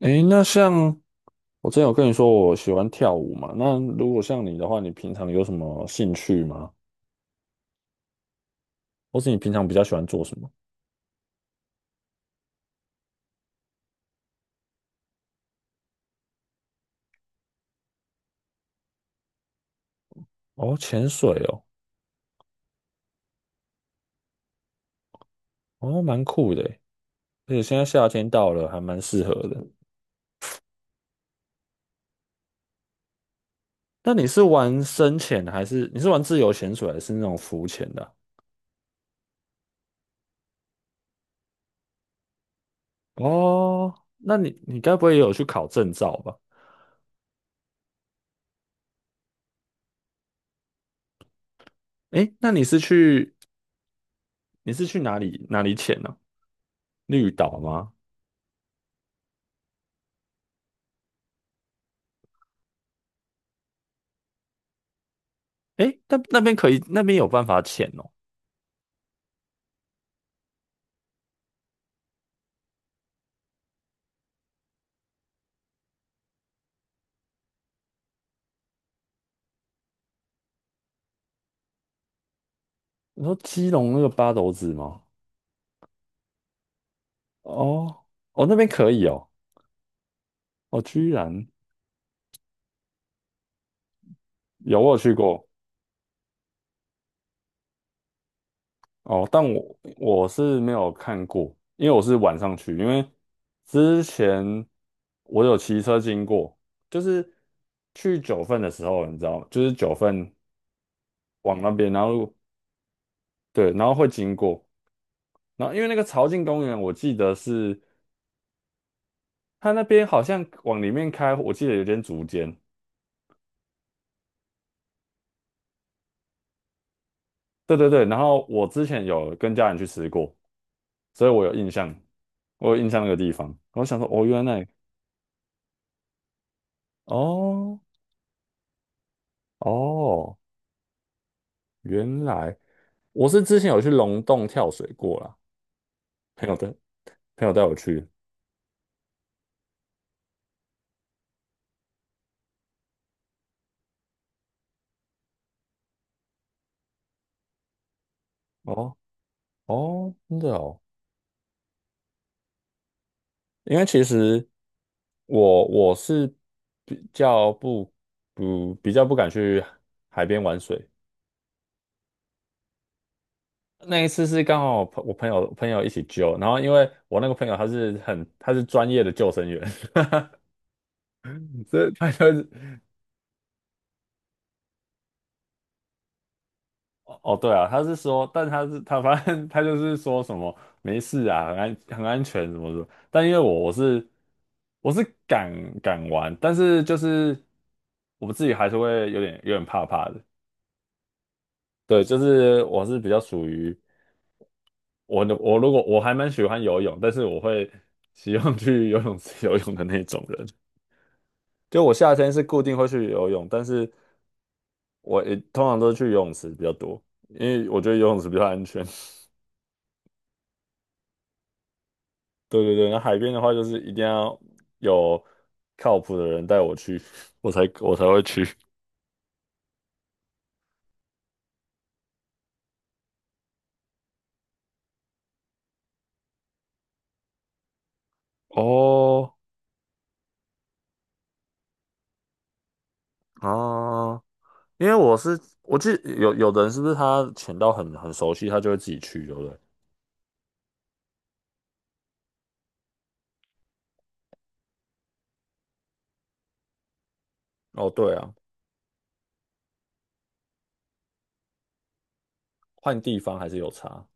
诶，那像我之前有跟你说我喜欢跳舞嘛，那如果像你的话，你平常有什么兴趣吗？或是你平常比较喜欢做什么？哦，潜水哦，哦，蛮酷的诶，而且现在夏天到了，还蛮适合的。那你是玩深潜还是你是玩自由潜水还是那种浮潜的啊？哦，那你该不会也有去考证照吧？诶，那你是去你是去哪里潜呢、绿岛吗？诶，那那边可以，那边有办法潜哦。你说基隆那个八斗子吗？哦，哦，那边可以哦，哦，居然有，我有去过。哦，但我是没有看过，因为我是晚上去，因为之前我有骑车经过，就是去九份的时候，你知道吗？就是九份往那边，然后对，然后会经过，然后因为那个潮境公园，我记得是它那边好像往里面开，我记得有点竹间，对对对，然后我之前有跟家人去吃过。所以我有印象，我有印象那个地方。我想说，哦，原来，哦，哦，原来我是之前有去龙洞跳水过啦，朋友带朋友带我去。哦，哦，真的哦，因为其实我是比较不不比较不敢去海边玩水。那一次是刚好朋我朋友朋友一起救，然后因为我那个朋友他是很他是专业的救生员，所以他就，哦，对啊，他是说，但他是他反正他就是说什么没事啊，很安全什么什么。但因为我是我是敢敢玩，但是就是我自己还是会有点有点怕怕的。对，就是我是比较属于，我如果我还蛮喜欢游泳，但是我会 喜欢去游泳池游泳的那种人。就我夏天是固定会去游泳，但是我也通常都是去游泳池比较多，因为我觉得游泳池比较安全。对对对，那海边的话就是一定要有靠谱的人带我去，我才会去。哦，啊，因为我是我记得有有的人是不是他潜到很熟悉，他就会自己去，对不对？哦，对啊，换地方还是有差。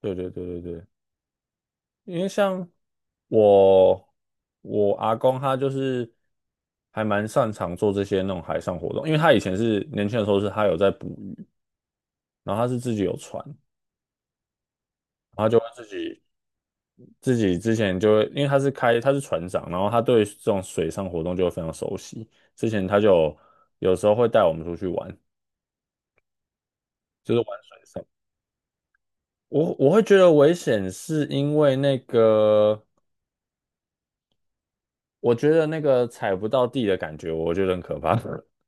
对对对对对，因为像我我阿公他就是还蛮擅长做这些那种海上活动，因为他以前是年轻的时候是他有在捕鱼，然后他是自己有船，然后他就会自己。自己之前就会，因为他是开他是船长，然后他对这种水上活动就会非常熟悉。之前他就有时候会带我们出去玩，就是玩水上。我会觉得危险，是因为那个我觉得那个踩不到地的感觉，我觉得很可怕。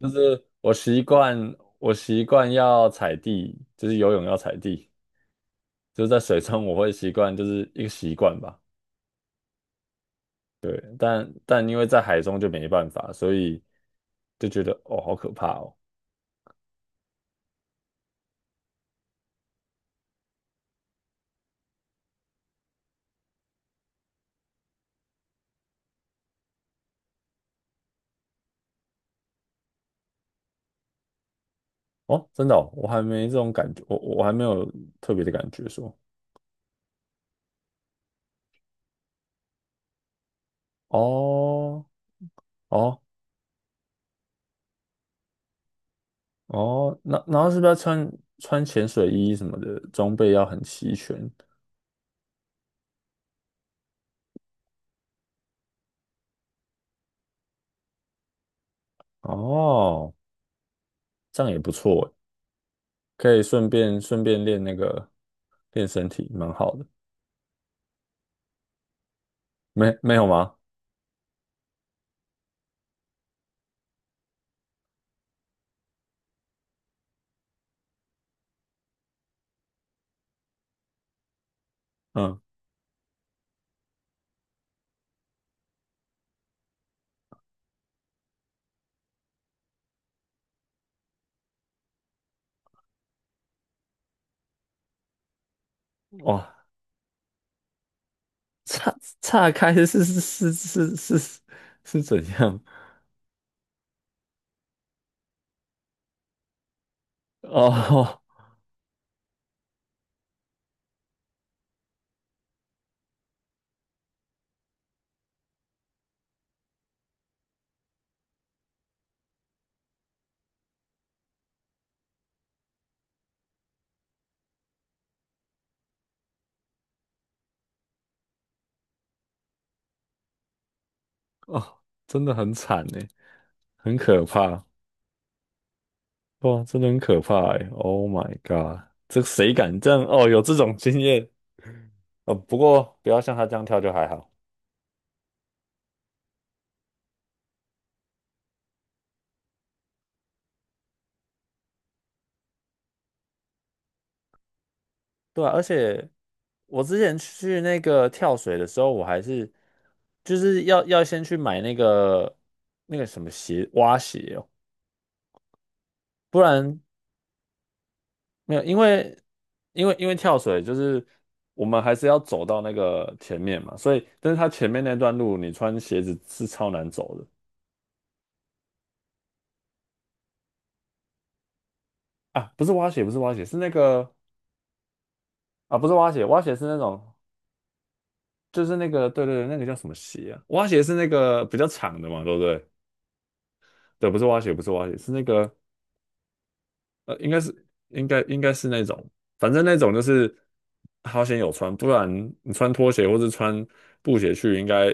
就是我习惯要踩地，就是游泳要踩地，就是在水中我会习惯，就是一个习惯吧。对，但但因为在海中就没办法，所以就觉得哦，好可怕哦。哦，真的哦，我还没这种感觉，我还没有特别的感觉说，哦哦哦，那然后是不是要穿潜水衣什么的，装备要很齐全？哦，这样也不错诶，可以顺便练那个练身体，蛮好的。没没有吗？嗯，哇，岔岔开是是是是是是是怎样？哦哦，真的很惨呢，很可怕。哇，真的很可怕哎！Oh my god，这谁敢这样？哦，有这种经验，不过不要像他这样跳就还好。对啊，而且我之前去那个跳水的时候，我还是就是要先去买那个那个什么鞋，蛙鞋哦，不然，没有，因为因为跳水就是我们还是要走到那个前面嘛，所以但是它前面那段路你穿鞋子是超难走的，啊，不是蛙鞋，不是蛙鞋，是那个。啊，不是蛙鞋，蛙鞋是那种，就是那个，对对对，那个叫什么鞋啊？蛙鞋是那个比较长的嘛，对不对？对，不是蛙鞋，不是蛙鞋，是那个，应该是应该是那种，反正那种就是好险有穿，不然你穿拖鞋或是穿布鞋去，应该，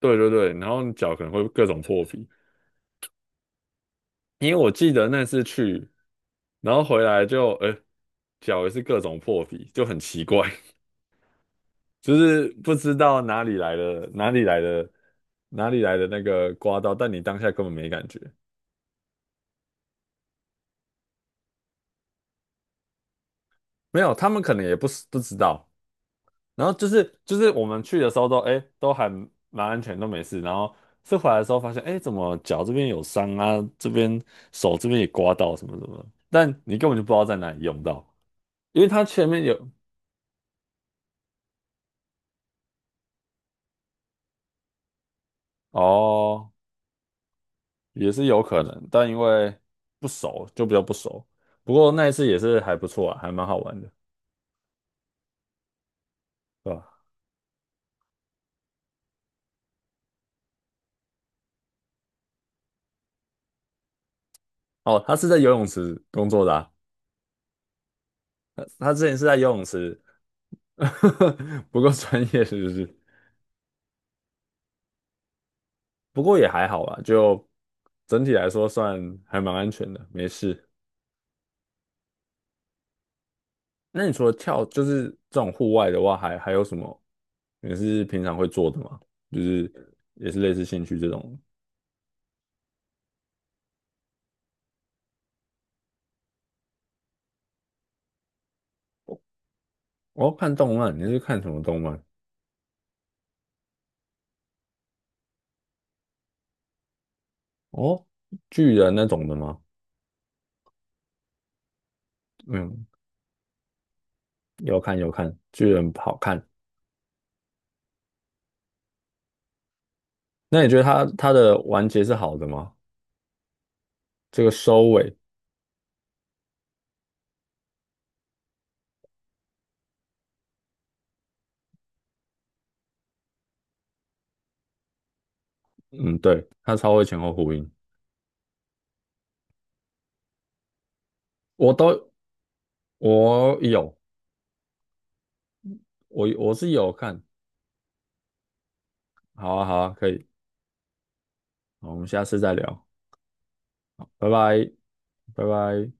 对对对，然后你脚可能会各种破皮。因为我记得那次去，然后回来就，脚也是各种破皮，就很奇怪。就是不知道哪里来的，哪里来的那个刮到，但你当下根本没感觉，没有，他们可能也不是不知道。然后就是我们去的时候都哎都还蛮安全，都没事。然后是回来的时候发现，哎，怎么脚这边有伤啊，这边手这边也刮到什么什么的，但你根本就不知道在哪里用到，因为它前面有，哦，也是有可能，但因为不熟就比较不熟。不过那一次也是还不错啊，还蛮好玩的，对吧？哦，他是在游泳池工作的啊，他他之前是在游泳池，不够专业是不是？不过也还好啦，就整体来说算还蛮安全的，没事。那你除了跳，就是这种户外的话，还还有什么你是平常会做的吗？就是也是类似兴趣这种。哦，看动漫，你是看什么动漫？哦，巨人那种的吗？嗯，要看要看，巨人好看。那你觉得它的完结是好的吗？这个收尾。嗯，对，他超会前后呼应，我都，我有，我是有看，好啊，好啊，可以，好，我们下次再聊，拜拜，拜拜。